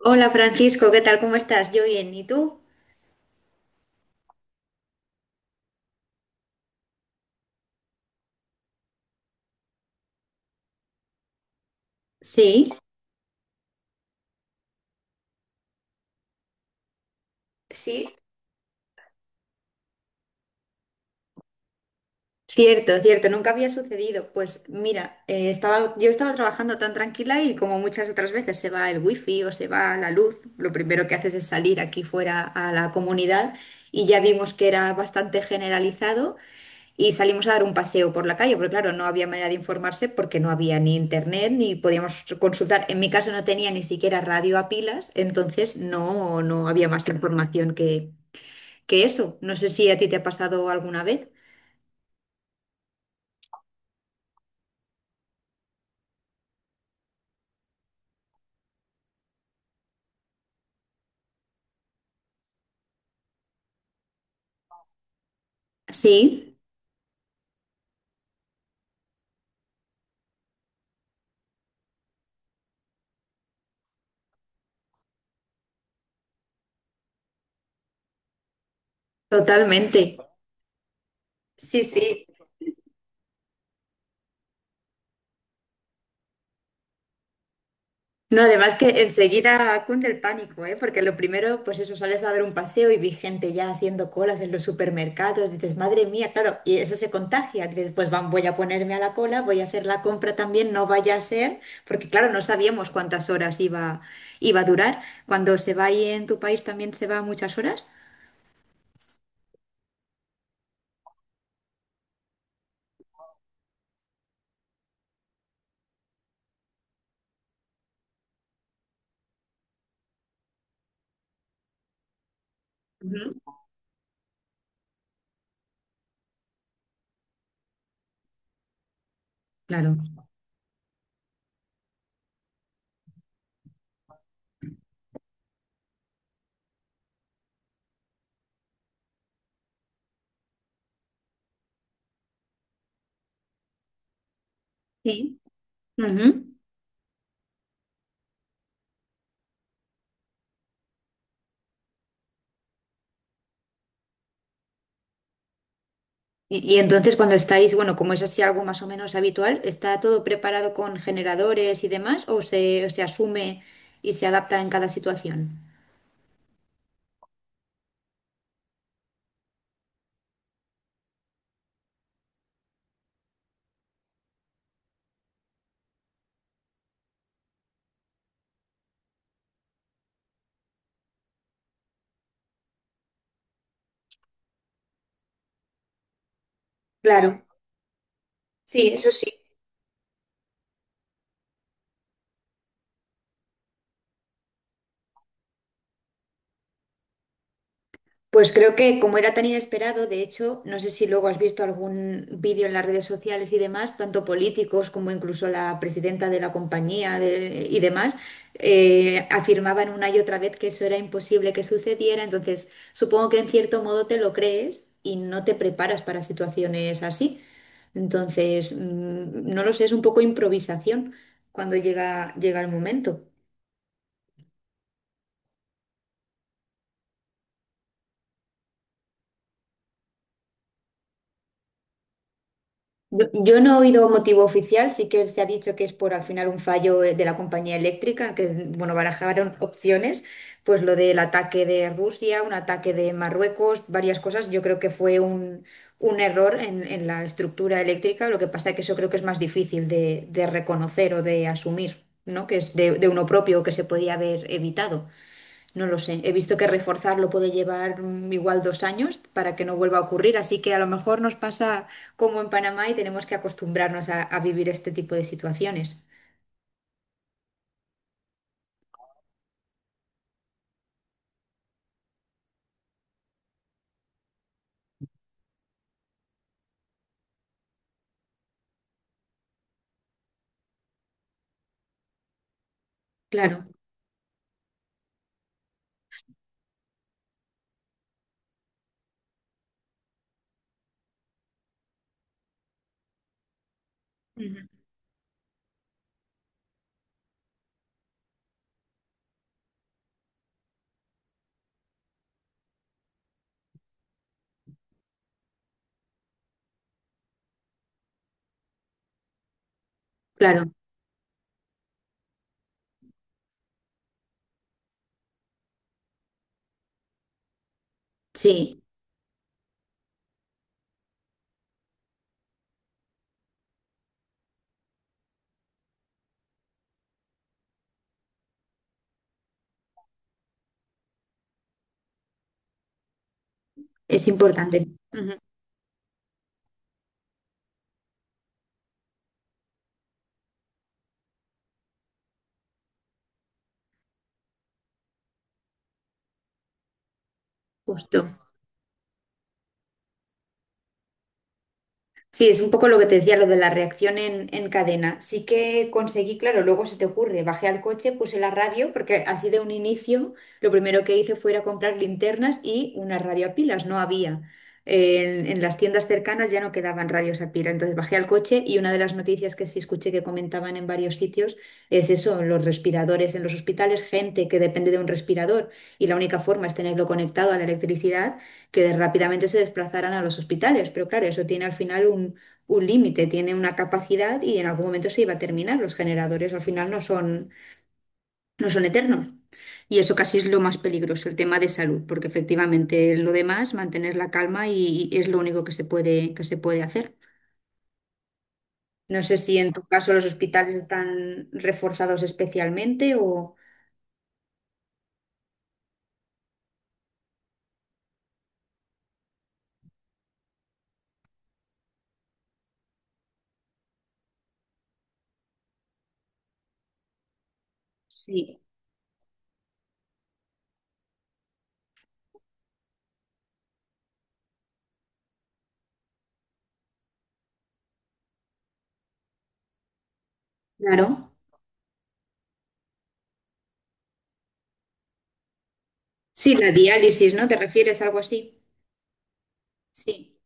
Hola Francisco, ¿qué tal? ¿Cómo estás? Yo bien, ¿y tú? Sí, sí, cierto, nunca había sucedido. Pues mira, yo estaba trabajando tan tranquila y como muchas otras veces se va el wifi o se va la luz, lo primero que haces es salir aquí fuera a la comunidad y ya vimos que era bastante generalizado y salimos a dar un paseo por la calle, porque claro, no había manera de informarse porque no había ni internet ni podíamos consultar. En mi caso no tenía ni siquiera radio a pilas, entonces no había más información que eso. No sé si a ti te ha pasado alguna vez. Sí, totalmente. Sí, sí. No, además que enseguida cunde el pánico, ¿eh? Porque lo primero, pues eso, sales a dar un paseo y vi gente ya haciendo colas en los supermercados. Dices, madre mía, claro, y eso se contagia. Dices, pues van, voy a ponerme a la cola, voy a hacer la compra también, no vaya a ser, porque claro, no sabíamos iba a durar. Cuando se va ahí en tu país también se va muchas horas. Ujú. Claro. Sí. Ujú. Y entonces cuando estáis, bueno, como es así algo más o menos habitual, ¿está todo preparado con generadores y demás o se asume y se adapta en cada situación? Claro, sí, eso sí. Pues creo que como era tan inesperado, de hecho, no sé si luego has visto algún vídeo en las redes sociales y demás, tanto políticos como incluso la presidenta de la compañía de- y demás, afirmaban una y otra vez que eso era imposible que sucediera. Entonces, supongo que en cierto modo te lo crees y no te preparas para situaciones así. Entonces, no lo sé, es un poco improvisación cuando llega el momento. Yo no he oído motivo oficial, sí que se ha dicho que es por al final un fallo de la compañía eléctrica, que bueno, barajaron opciones, pues lo del ataque de Rusia, un ataque de Marruecos, varias cosas. Yo creo que fue un error en la estructura eléctrica, lo que pasa es que eso creo que es más difícil de reconocer o de asumir, ¿no? Que es de uno propio que se podía haber evitado. No lo sé. He visto que reforzarlo puede llevar igual 2 años para que no vuelva a ocurrir, así que a lo mejor nos pasa como en Panamá y tenemos que acostumbrarnos a vivir este tipo de situaciones. Claro, ujú, claro, sí, es importante, ujú, justo. Sí, es un poco lo que te decía, lo de la reacción en cadena. Sí que conseguí, claro, luego se te ocurre, bajé al coche, puse la radio, porque así de un inicio lo primero que hice fue ir a comprar linternas y una radio a pilas, no había. En las tiendas cercanas ya no quedaban radios a pila, entonces bajé al coche y una de las noticias que sí escuché que comentaban en varios sitios es eso, los respiradores en los hospitales, gente que depende de un respirador y la única forma es tenerlo conectado a la electricidad que rápidamente se desplazaran a los hospitales. Pero claro, eso tiene al final un límite, tiene una capacidad y en algún momento se iba a terminar. Los generadores al final no son eternos. Y eso casi es lo más peligroso, el tema de salud, porque efectivamente lo demás, mantener la calma y es lo único que que se puede hacer. No sé si en tu caso los hospitales están reforzados especialmente o... Sí, claro. Sí, la diálisis, ¿no? ¿Te refieres a algo así? Sí.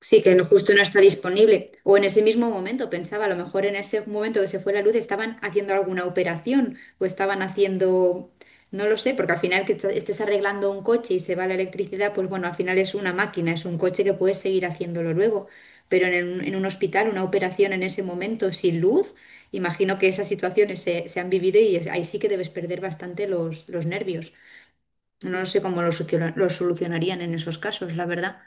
Sí, que no- justo no está disponible. O en ese mismo momento, pensaba, a lo mejor en ese momento que se fue la luz estaban haciendo alguna operación o estaban haciendo, no lo sé, porque al final que est- estés arreglando un coche y se va la electricidad, pues bueno, al final es una máquina, es un coche que puedes seguir haciéndolo luego. Pero en, el- en un hospital, una operación en ese momento sin luz, imagino que esas situaciones se han vivido y es- ahí sí que debes perder bastante los nervios. No lo sé cómo lo, soluciona- lo solucionarían en esos casos, la verdad.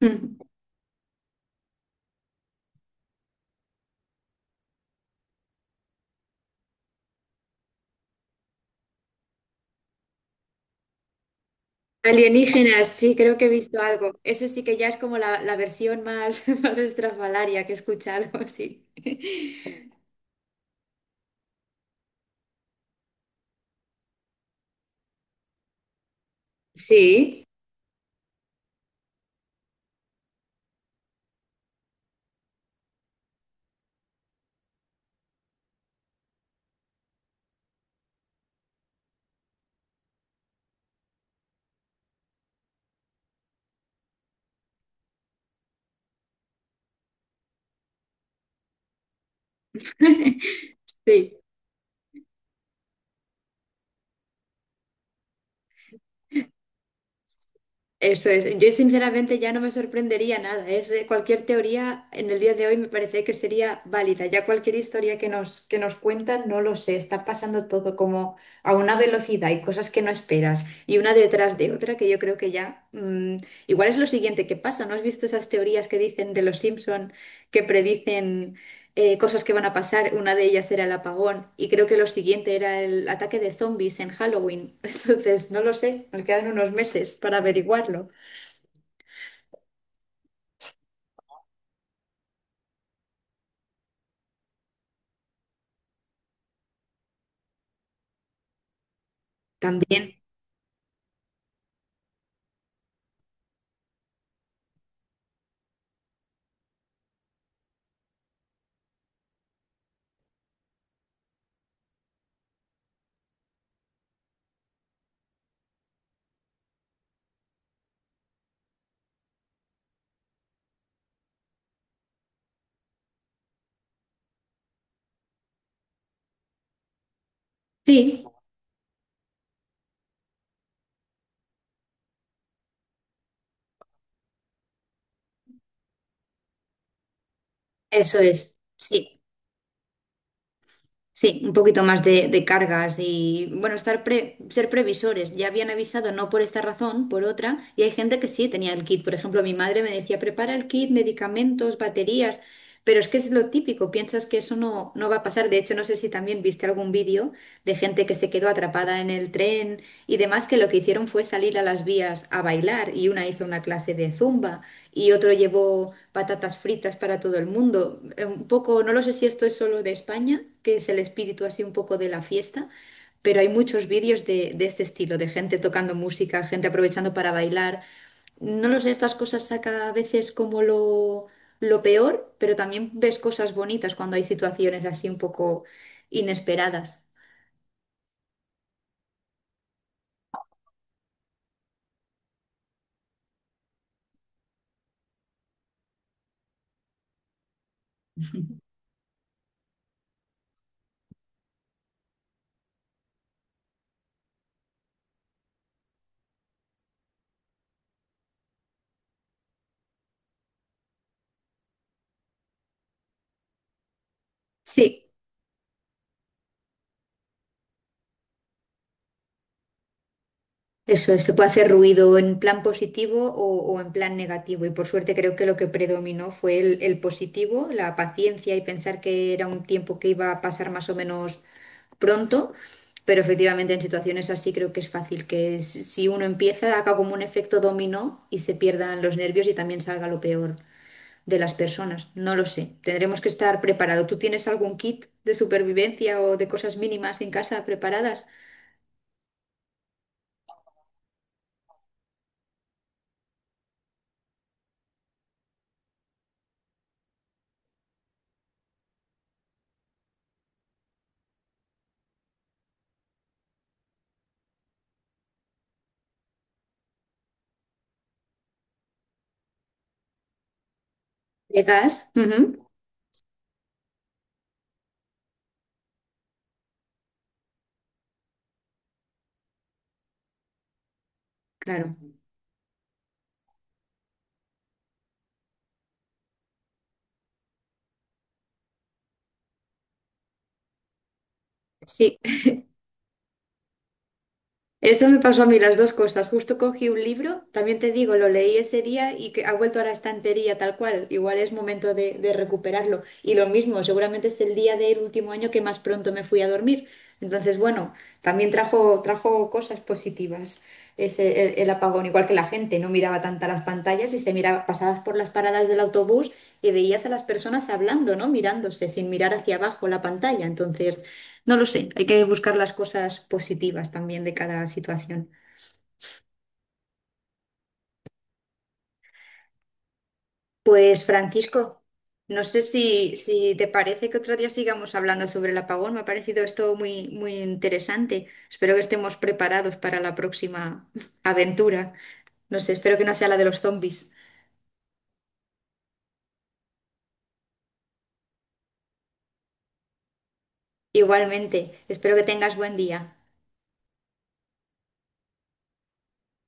Alienígenas, sí, creo que he visto algo. Eso sí que ya es como la versión más, más estrafalaria que he escuchado, sí. Sí, sí. Eso es. Yo sinceramente ya no me sorprendería nada. Es, cualquier teoría en el día de hoy me parece que sería válida. Ya cualquier historia que que nos cuentan, no lo sé. Está pasando todo como a una velocidad y cosas que no esperas. Y una detrás de otra que yo creo que ya... igual es lo siguiente que pasa. ¿No has visto esas teorías que dicen de los Simpson que predicen cosas que van a pasar? Una de ellas era el apagón y creo que lo siguiente era el ataque de zombies en Halloween. Entonces, no lo sé, nos quedan unos meses para averiguarlo. También, sí, eso es, sí, sí, un poquito más de cargas y, bueno, estar pre- ser previsores. Ya habían avisado, no por esta razón, por otra, y hay gente que sí tenía el kit. Por ejemplo, mi madre me decía, prepara el kit, medicamentos, baterías. Pero es que es lo típico, piensas que eso no va a pasar. De hecho, no sé si también viste algún vídeo de gente que se quedó atrapada en el tren y demás, que lo que hicieron fue salir a las vías a bailar y una hizo una clase de zumba y otro llevó patatas fritas para todo el mundo. Un poco, no lo sé si esto es solo de España, que es el espíritu así un poco de la fiesta, pero hay muchos vídeos de este estilo, de gente tocando música, gente aprovechando para bailar. No lo sé, estas cosas saca a veces como lo... Lo peor, pero también ves cosas bonitas cuando hay situaciones así un poco inesperadas. Sí, eso es, se puede hacer ruido en plan positivo o en plan negativo. Y por suerte creo que lo que predominó fue el positivo, la paciencia y pensar que era un tiempo que iba a pasar más o menos pronto. Pero efectivamente en situaciones así creo que es fácil que s- si uno empieza, haga como un efecto dominó y se pierdan los nervios y también salga lo peor de las personas. No lo sé. Tendremos que estar preparados. ¿Tú tienes algún kit de supervivencia o de cosas mínimas en casa preparadas? ¿De gas? Ujú, claro. Sí. Eso me pasó a mí las dos cosas. Justo cogí un libro, también te digo, lo leí ese día y que ha vuelto a la estantería tal cual. Igual es momento de recuperarlo. Y lo mismo, seguramente es el día del último año que más pronto me fui a dormir. Entonces, bueno, también trajo cosas positivas ese, el apagón, igual que la gente no miraba tanta las pantallas y se miraba, pasabas por las paradas del autobús y veías a las personas hablando, ¿no? Mirándose sin mirar hacia abajo la pantalla. Entonces, no lo sé, hay que buscar las cosas positivas también de cada situación. Pues Francisco, no sé si te parece que otro día sigamos hablando sobre el apagón. Me ha parecido esto muy interesante. Espero que estemos preparados para la próxima aventura. No sé, espero que no sea la de los zombies. Igualmente, espero que tengas buen día.